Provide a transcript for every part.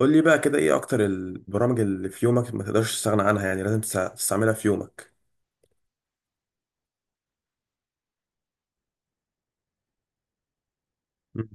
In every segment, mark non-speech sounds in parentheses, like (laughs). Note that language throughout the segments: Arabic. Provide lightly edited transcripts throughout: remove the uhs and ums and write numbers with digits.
قول لي بقى كده ايه اكتر البرامج اللي في يومك ما تقدرش تستغنى عنها؟ يعني لازم تستعملها في يومك. مم.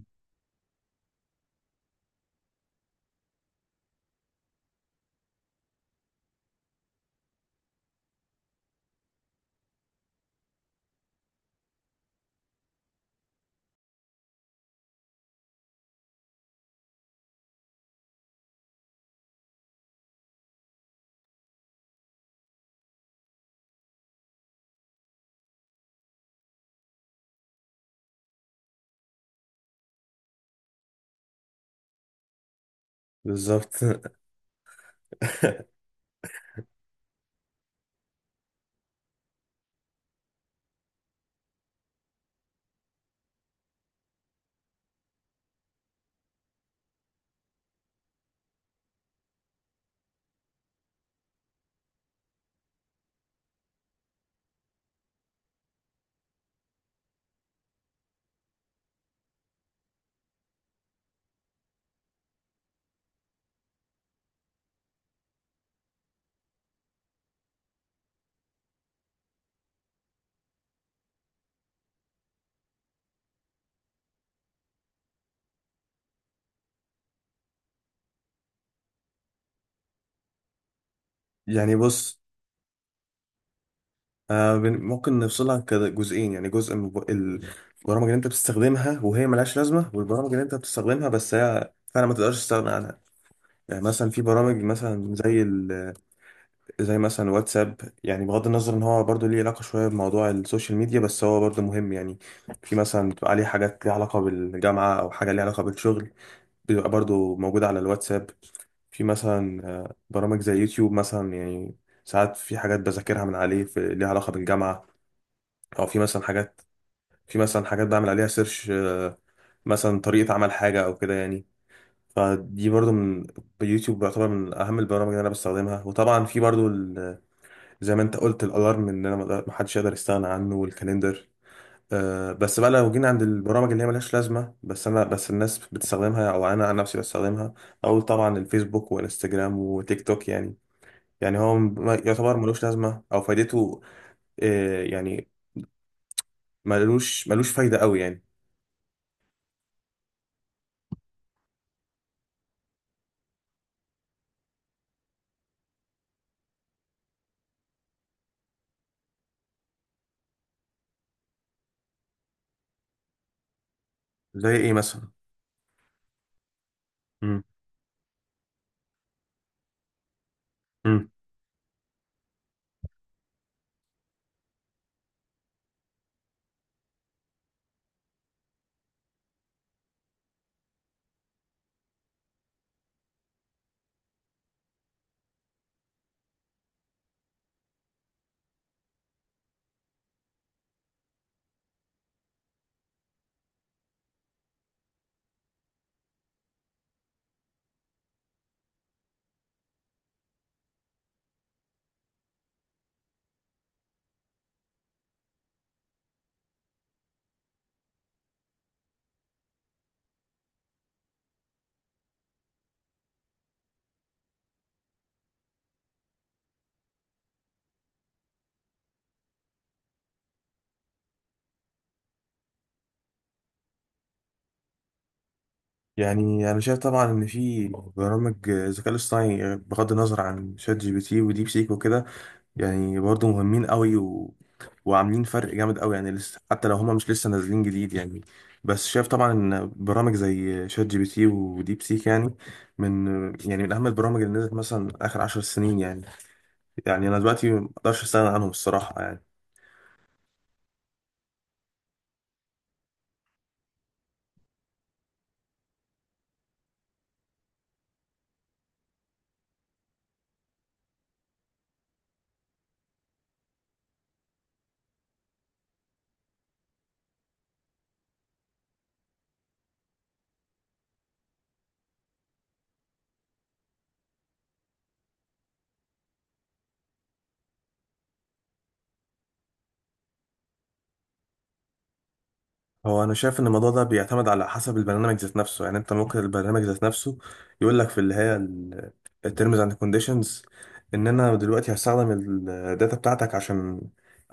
بالظبط. (laughs) يعني بص، ممكن نفصلها كده جزئين، يعني جزء من البرامج اللي انت بتستخدمها وهي ملهاش لازمة، والبرامج اللي انت بتستخدمها بس هي فعلا ما تقدرش تستغنى عنها. يعني مثلا في برامج مثلا زي مثلا واتساب، يعني بغض النظر ان هو برضه ليه علاقة شوية بموضوع السوشيال ميديا بس هو برضه مهم. يعني في مثلا بتبقى عليه حاجات ليها علاقة بالجامعة او حاجة ليها علاقة بالشغل، بيبقى برضو موجود على الواتساب. في مثلا برامج زي يوتيوب مثلا، يعني ساعات في حاجات بذاكرها من عليه في ليها علاقة بالجامعة، أو في مثلا حاجات، في مثلا حاجات بعمل عليها سيرش، مثلا طريقة عمل حاجة أو كده يعني. فدي برضو من يوتيوب بيعتبر من أهم البرامج اللي أنا بستخدمها. وطبعا في برضو زي ما أنت قلت الألارم، إن أنا ما حدش يقدر يستغنى عنه، والكاليندر. بس بقى لو جينا عند البرامج اللي هي ملهاش لازمة، بس أنا، بس الناس بتستخدمها أو أنا عن نفسي بستخدمها، أقول طبعا الفيسبوك وإنستجرام وتيك توك. يعني يعني هو يعتبر ملوش لازمة أو فايدته، يعني ملوش ملوش فايدة أوي يعني. زي إيه مثلا؟ مم. مم. يعني أنا شايف طبعا إن في برامج، الذكاء الاصطناعي، بغض النظر عن شات جي بي تي وديب سيك وكده، يعني برضو مهمين قوي، و... وعاملين فرق جامد قوي، يعني لسه حتى لو هما مش لسه نازلين جديد يعني. بس شايف طبعا ان برامج زي شات جي بي تي وديب سيك، يعني من يعني من اهم البرامج اللي نزلت مثلا اخر عشر سنين. يعني يعني انا دلوقتي ما اقدرش استغنى عنهم الصراحة يعني. هو انا شايف ان الموضوع ده بيعتمد على حسب البرنامج ذات نفسه. يعني انت ممكن البرنامج ذات نفسه يقول لك في اللي هي التيرمز اند كونديشنز، ان انا دلوقتي هستخدم الداتا بتاعتك عشان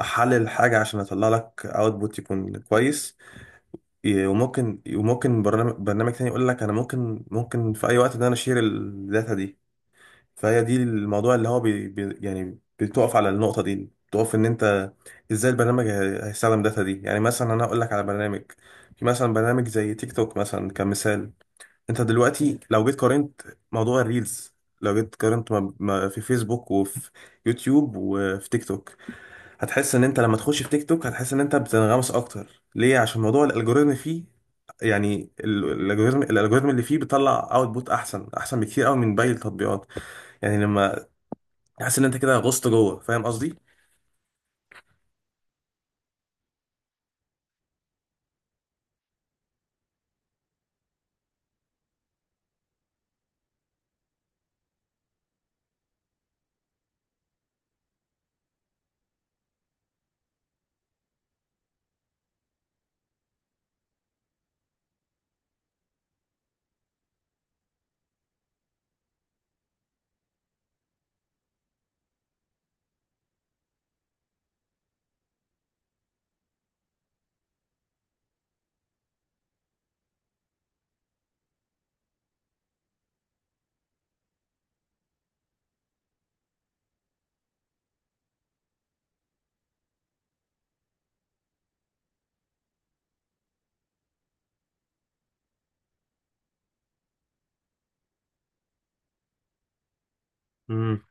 احلل حاجه عشان اطلع لك اوتبوت يكون كويس. وممكن، برنامج برنامج تاني يقول لك انا ممكن، في اي وقت ان انا اشير الداتا دي. فهي دي الموضوع اللي هو بي بي يعني بتقف على النقطة دي، بتقف ان انت ازاي البرنامج هيستخدم الداتا دي. يعني مثلا انا اقول لك على برنامج، في مثلا برنامج زي تيك توك مثلا كمثال. انت دلوقتي لو جيت قارنت موضوع الريلز، لو جيت قارنت ما في فيسبوك وفي يوتيوب وفي تيك توك، هتحس ان انت لما تخش في تيك توك هتحس ان انت بتنغمس اكتر. ليه؟ عشان موضوع الالجوريزم فيه. يعني الالجوريزم، الالجوريزم اللي فيه بيطلع اوتبوت احسن احسن بكتير قوي من باقي التطبيقات. يعني لما تحس ان انت كده غصت جوه، فاهم قصدي؟ امم.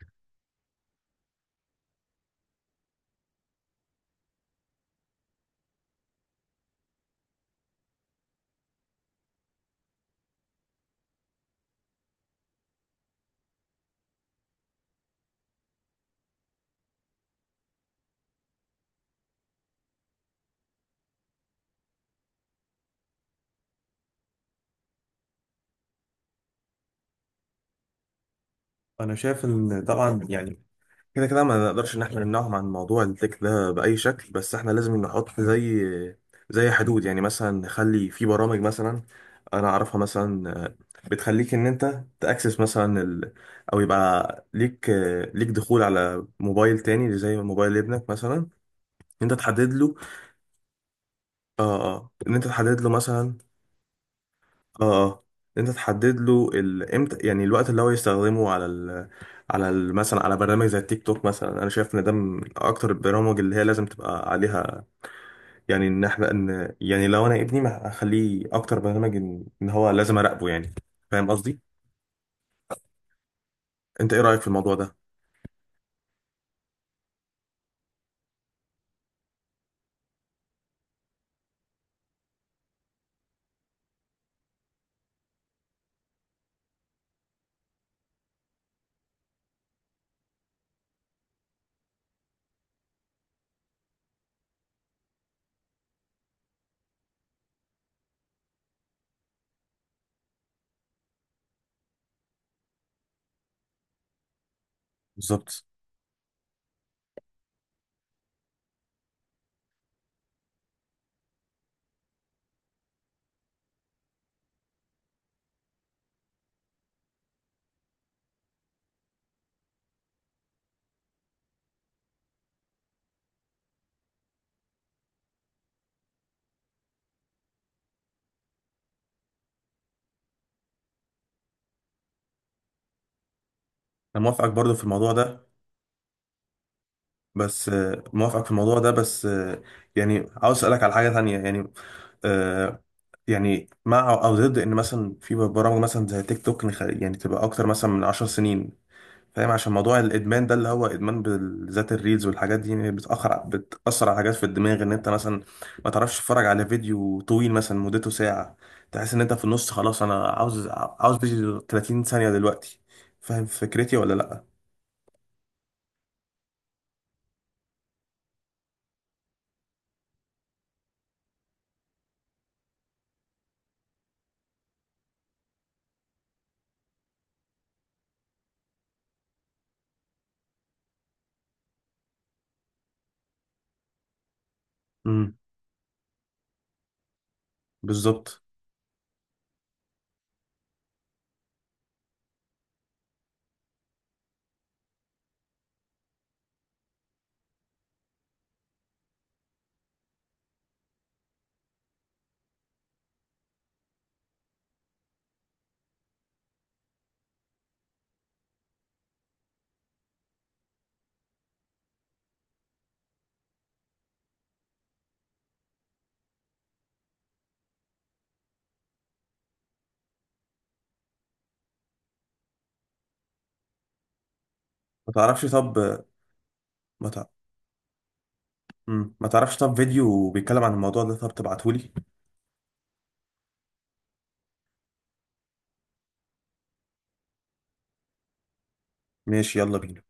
انا شايف ان طبعا، يعني كده كده ما نقدرش ان احنا نمنعهم عن موضوع التك ده باي شكل، بس احنا لازم نحط زي، زي حدود. يعني مثلا نخلي في برامج مثلا انا اعرفها مثلا، بتخليك ان انت تاكسس مثلا ال، او يبقى ليك، ليك دخول على موبايل تاني زي موبايل ابنك مثلا، ان انت تحدد له. اه اه، ان انت تحدد له مثلا. اه اه، انت تحدد له ال، امتى، يعني الوقت اللي هو يستخدمه على ال، على ال، مثلا على برنامج زي التيك توك مثلا. انا شايف ان ده من اكتر البرامج اللي هي لازم تبقى عليها. يعني ان احنا، ان، يعني لو انا ابني ما اخليه اكتر برنامج، إن هو لازم اراقبه يعني. فاهم قصدي؟ انت ايه رايك في الموضوع ده؟ بالظبط. انا موافقك برضو في الموضوع ده، بس موافقك في الموضوع ده بس، يعني عاوز اسالك على حاجه تانية. يعني آه يعني مع او ضد ان مثلا في برامج مثلا زي تيك توك يعني تبقى اكتر مثلا من عشر سنين. فاهم؟ عشان موضوع الادمان ده، اللي هو ادمان بالذات الريلز والحاجات دي، يعني بتاخر بتاثر على حاجات في الدماغ، ان انت مثلا ما تعرفش تتفرج على فيديو طويل مثلا مدته ساعه، تحس ان انت في النص خلاص، انا عاوز، عاوز فيديو 30 ثانيه دلوقتي. فاهم فكرتي ولا لا؟ امم. بالظبط. ما تعرفش طب، ما تع... مم. ما تعرفش طب فيديو بيتكلم عن الموضوع ده طب تبعتهولي؟ ماشي، يلا بينا.